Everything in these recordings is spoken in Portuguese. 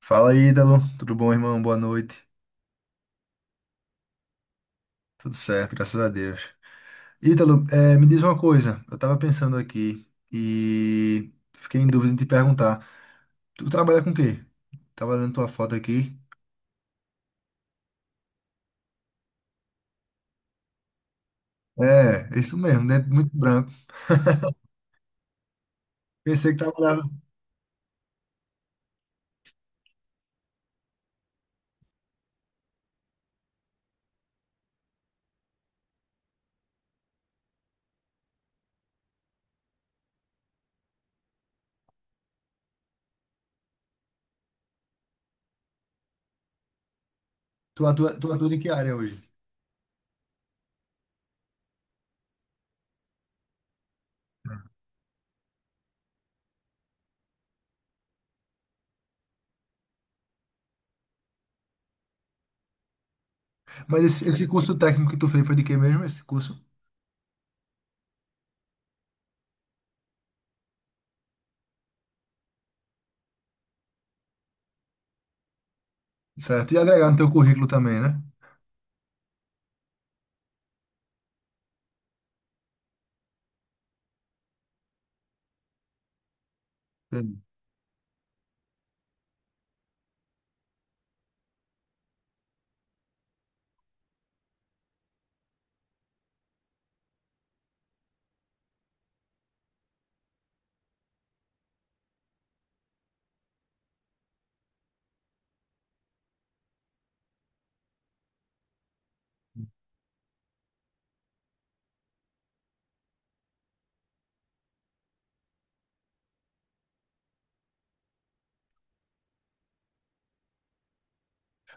Fala, Ítalo. Tudo bom, irmão? Boa noite. Tudo certo, graças a Deus. Ítalo, me diz uma coisa. Eu tava pensando aqui e fiquei em dúvida de te perguntar. Tu trabalha com o quê? Tava olhando tua foto aqui. É, isso mesmo, né? Muito branco. Pensei que trabalhava. Tu atua em que área hoje? Mas esse curso técnico que tu fez foi de quê mesmo? Esse curso? Certo. E agregar no teu currículo também, né?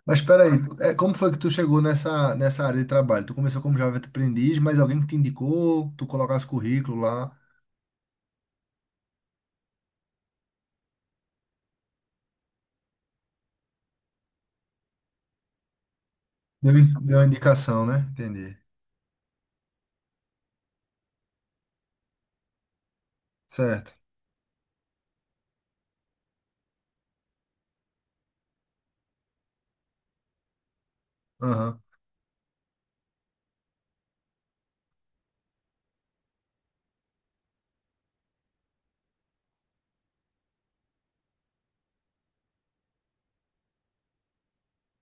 Mas peraí, como foi que tu chegou nessa área de trabalho? Tu começou como Java aprendiz, mas alguém que te indicou, tu colocasse currículo lá, deu uma indicação, né? Entendi. Certo. Aham.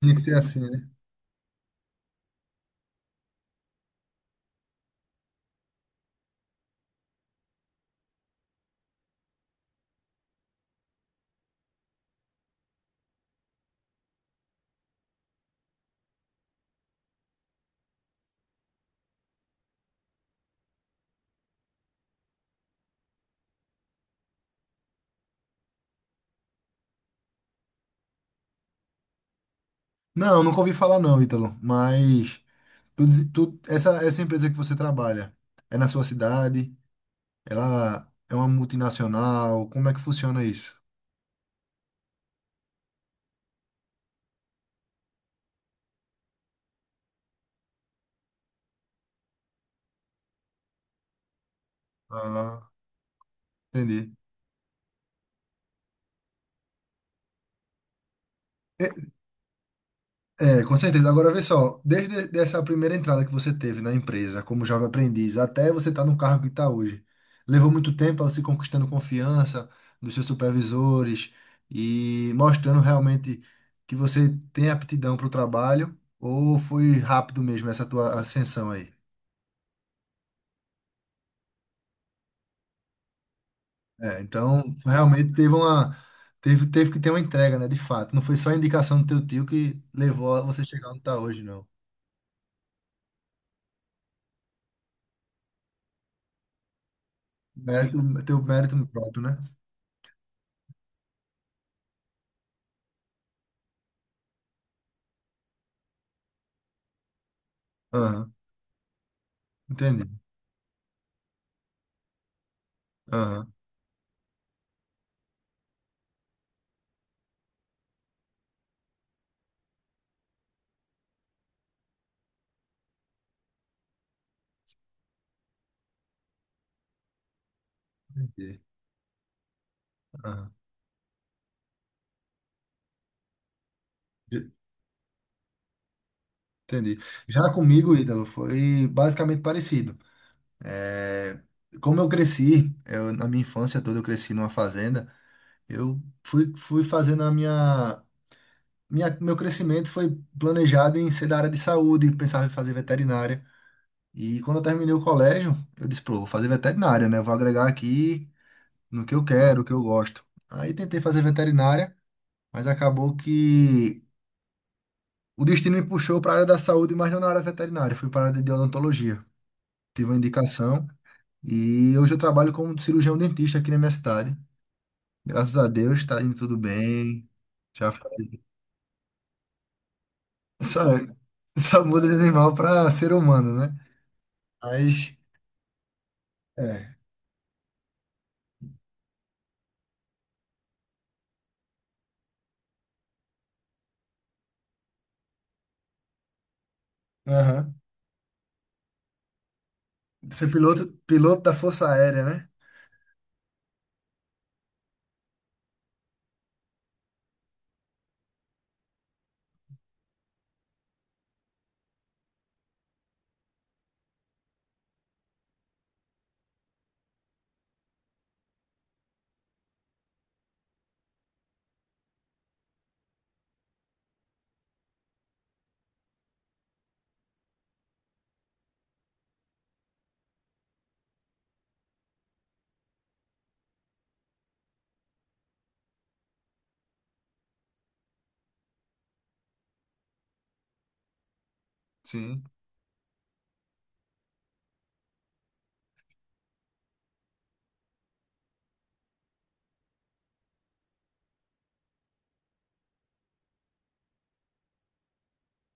Tinha que ser assim, né? Não, nunca ouvi falar não, Ítalo, mas essa empresa que você trabalha, é na sua cidade? Ela é uma multinacional? Como é que funciona isso? Ah, entendi. É, com certeza. Agora vê só, desde essa primeira entrada que você teve na empresa como jovem aprendiz até você estar no cargo que está hoje, levou muito tempo ela se conquistando confiança dos seus supervisores e mostrando realmente que você tem aptidão para o trabalho ou foi rápido mesmo essa tua ascensão aí? É, então realmente teve que ter uma entrega, né, de fato. Não foi só a indicação do teu tio que levou a você chegar onde está hoje, não. Mérito, teu mérito próprio, né? Entendi. Aham, entendi. Aham, j- entendi. Já comigo, Ítalo, foi basicamente parecido. É, como eu cresci, na minha infância toda eu cresci numa fazenda, eu fui fazendo a minha, minha. Meu crescimento foi planejado em ser da área de saúde, pensava em fazer veterinária. E quando eu terminei o colégio, eu disse, pô, vou fazer veterinária, né? Vou agregar aqui no que eu quero, o que eu gosto. Aí tentei fazer veterinária, mas acabou que. O destino me puxou para a área da saúde, mas não na área veterinária, fui para a área de odontologia. Tive uma indicação e hoje eu trabalho como cirurgião dentista aqui na minha cidade. Graças a Deus está indo tudo bem. Já faz- só, só muda de animal para ser humano, né? Mas é. Aham. Ser piloto, piloto da Força Aérea, né? Sim.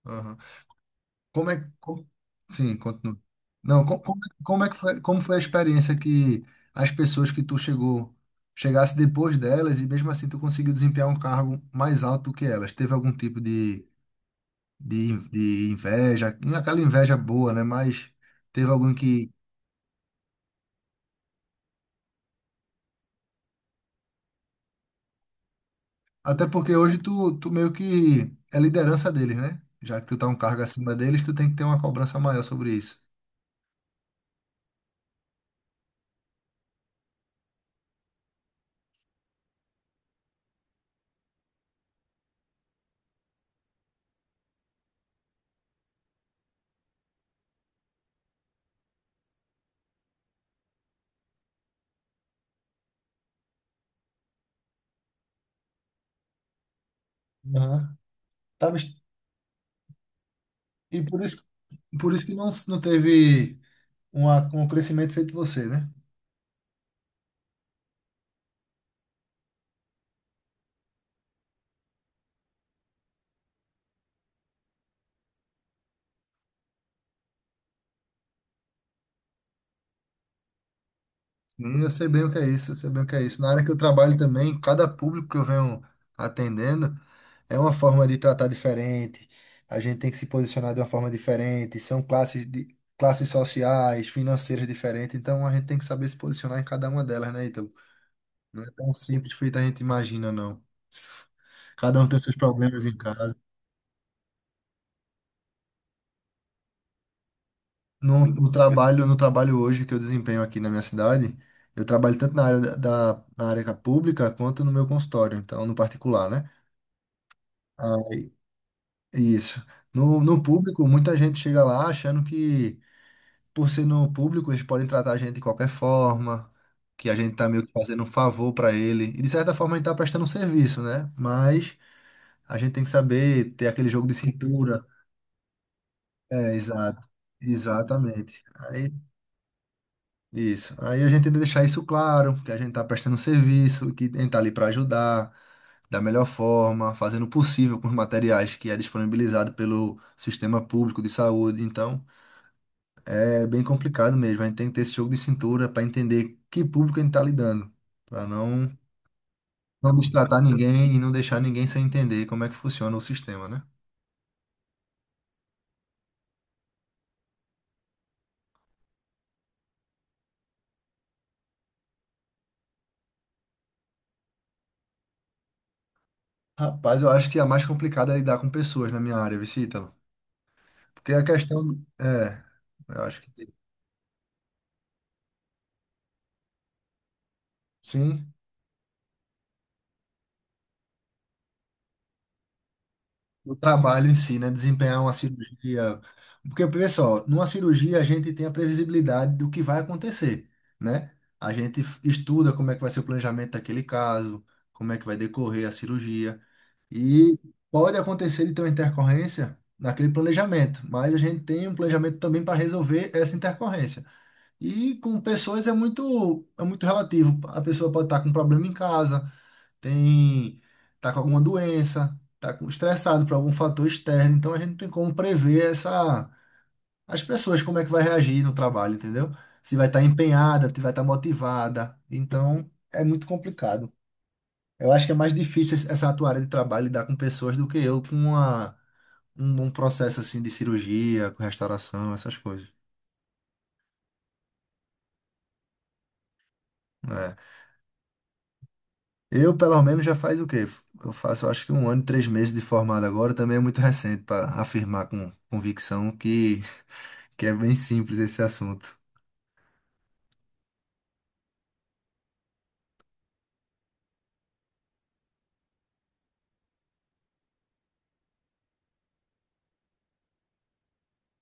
Aham. Como é, como- sim, continua. Não, como é que foi, como foi a experiência que as pessoas que tu chegou, chegasse depois delas e mesmo assim tu conseguiu desempenhar um cargo mais alto do que elas? Teve algum tipo de inveja, aquela inveja boa, né? Mas teve algum que... Até porque hoje tu meio que é liderança deles, né? Já que tu tá um cargo acima deles, tu tem que ter uma cobrança maior sobre isso. Aham. Tá, mas- E por isso que não teve... um crescimento feito você, né? Menino, eu sei bem o que é isso, eu sei bem o que é isso. Na área que eu trabalho também, cada público que eu venho atendendo é uma forma de tratar diferente, a gente tem que se posicionar de uma forma diferente, são classes de classes sociais, financeiras diferentes, então a gente tem que saber se posicionar em cada uma delas, né, Ítalo? Não é tão simples feito a gente imagina, não. Cada um tem seus problemas em casa. No trabalho hoje que eu desempenho aqui na minha cidade, eu trabalho tanto na área na área pública quanto no meu consultório, então no particular, né? Aí, isso. No público, muita gente chega lá achando que, por ser no público, eles podem tratar a gente de qualquer forma, que a gente tá meio que fazendo um favor para ele. E de certa forma a gente tá prestando um serviço, né? Mas a gente tem que saber ter aquele jogo de cintura. É, exato. Exatamente. Isso. Aí a gente tenta deixar isso claro, que a gente tá prestando serviço, que a gente tá ali para ajudar, da melhor forma, fazendo o possível com os materiais que é disponibilizado pelo sistema público de saúde. Então, é bem complicado mesmo. A gente tem que ter esse jogo de cintura para entender que público a gente tá lidando, para não não destratar ninguém e não deixar ninguém sem entender como é que funciona o sistema, né? Rapaz, eu acho que a mais complicada é lidar com pessoas na minha área, Vicítalo. Porque a questão é, eu acho que sim. O trabalho em si, né? Desempenhar uma cirurgia. Porque, pessoal, numa cirurgia a gente tem a previsibilidade do que vai acontecer, né? A gente estuda como é que vai ser o planejamento daquele caso, como é que vai decorrer a cirurgia. E pode acontecer de ter uma intercorrência naquele planejamento, mas a gente tem um planejamento também para resolver essa intercorrência. E com pessoas muito relativo. A pessoa pode estar com um problema em casa, tem, tá com alguma doença, estressado por algum fator externo, então a gente não tem como prever essa, as pessoas como é que vai reagir no trabalho, entendeu? Se vai estar empenhada, se vai estar motivada. Então, é muito complicado. Eu acho que é mais difícil essa tua área de trabalho lidar com pessoas do que eu com um processo assim de cirurgia, com restauração, essas coisas. É. Eu, pelo menos, já faz o quê? Eu faço, eu acho que 1 ano e 3 meses de formado agora, também é muito recente para afirmar com convicção que é bem simples esse assunto.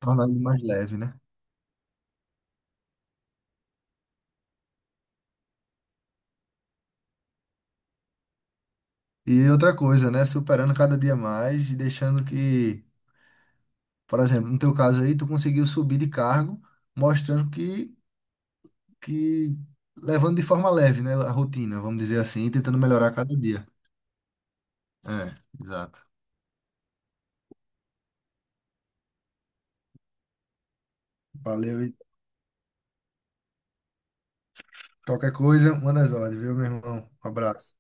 Tornar ele mais leve, né? E outra coisa, né? Superando cada dia mais e deixando que, por exemplo, no teu caso aí, tu conseguiu subir de cargo, mostrando que levando de forma leve, né? A rotina, vamos dizer assim, e tentando melhorar cada dia. É, exato. Valeu e qualquer coisa, manda as ordens, viu, meu irmão? Um abraço.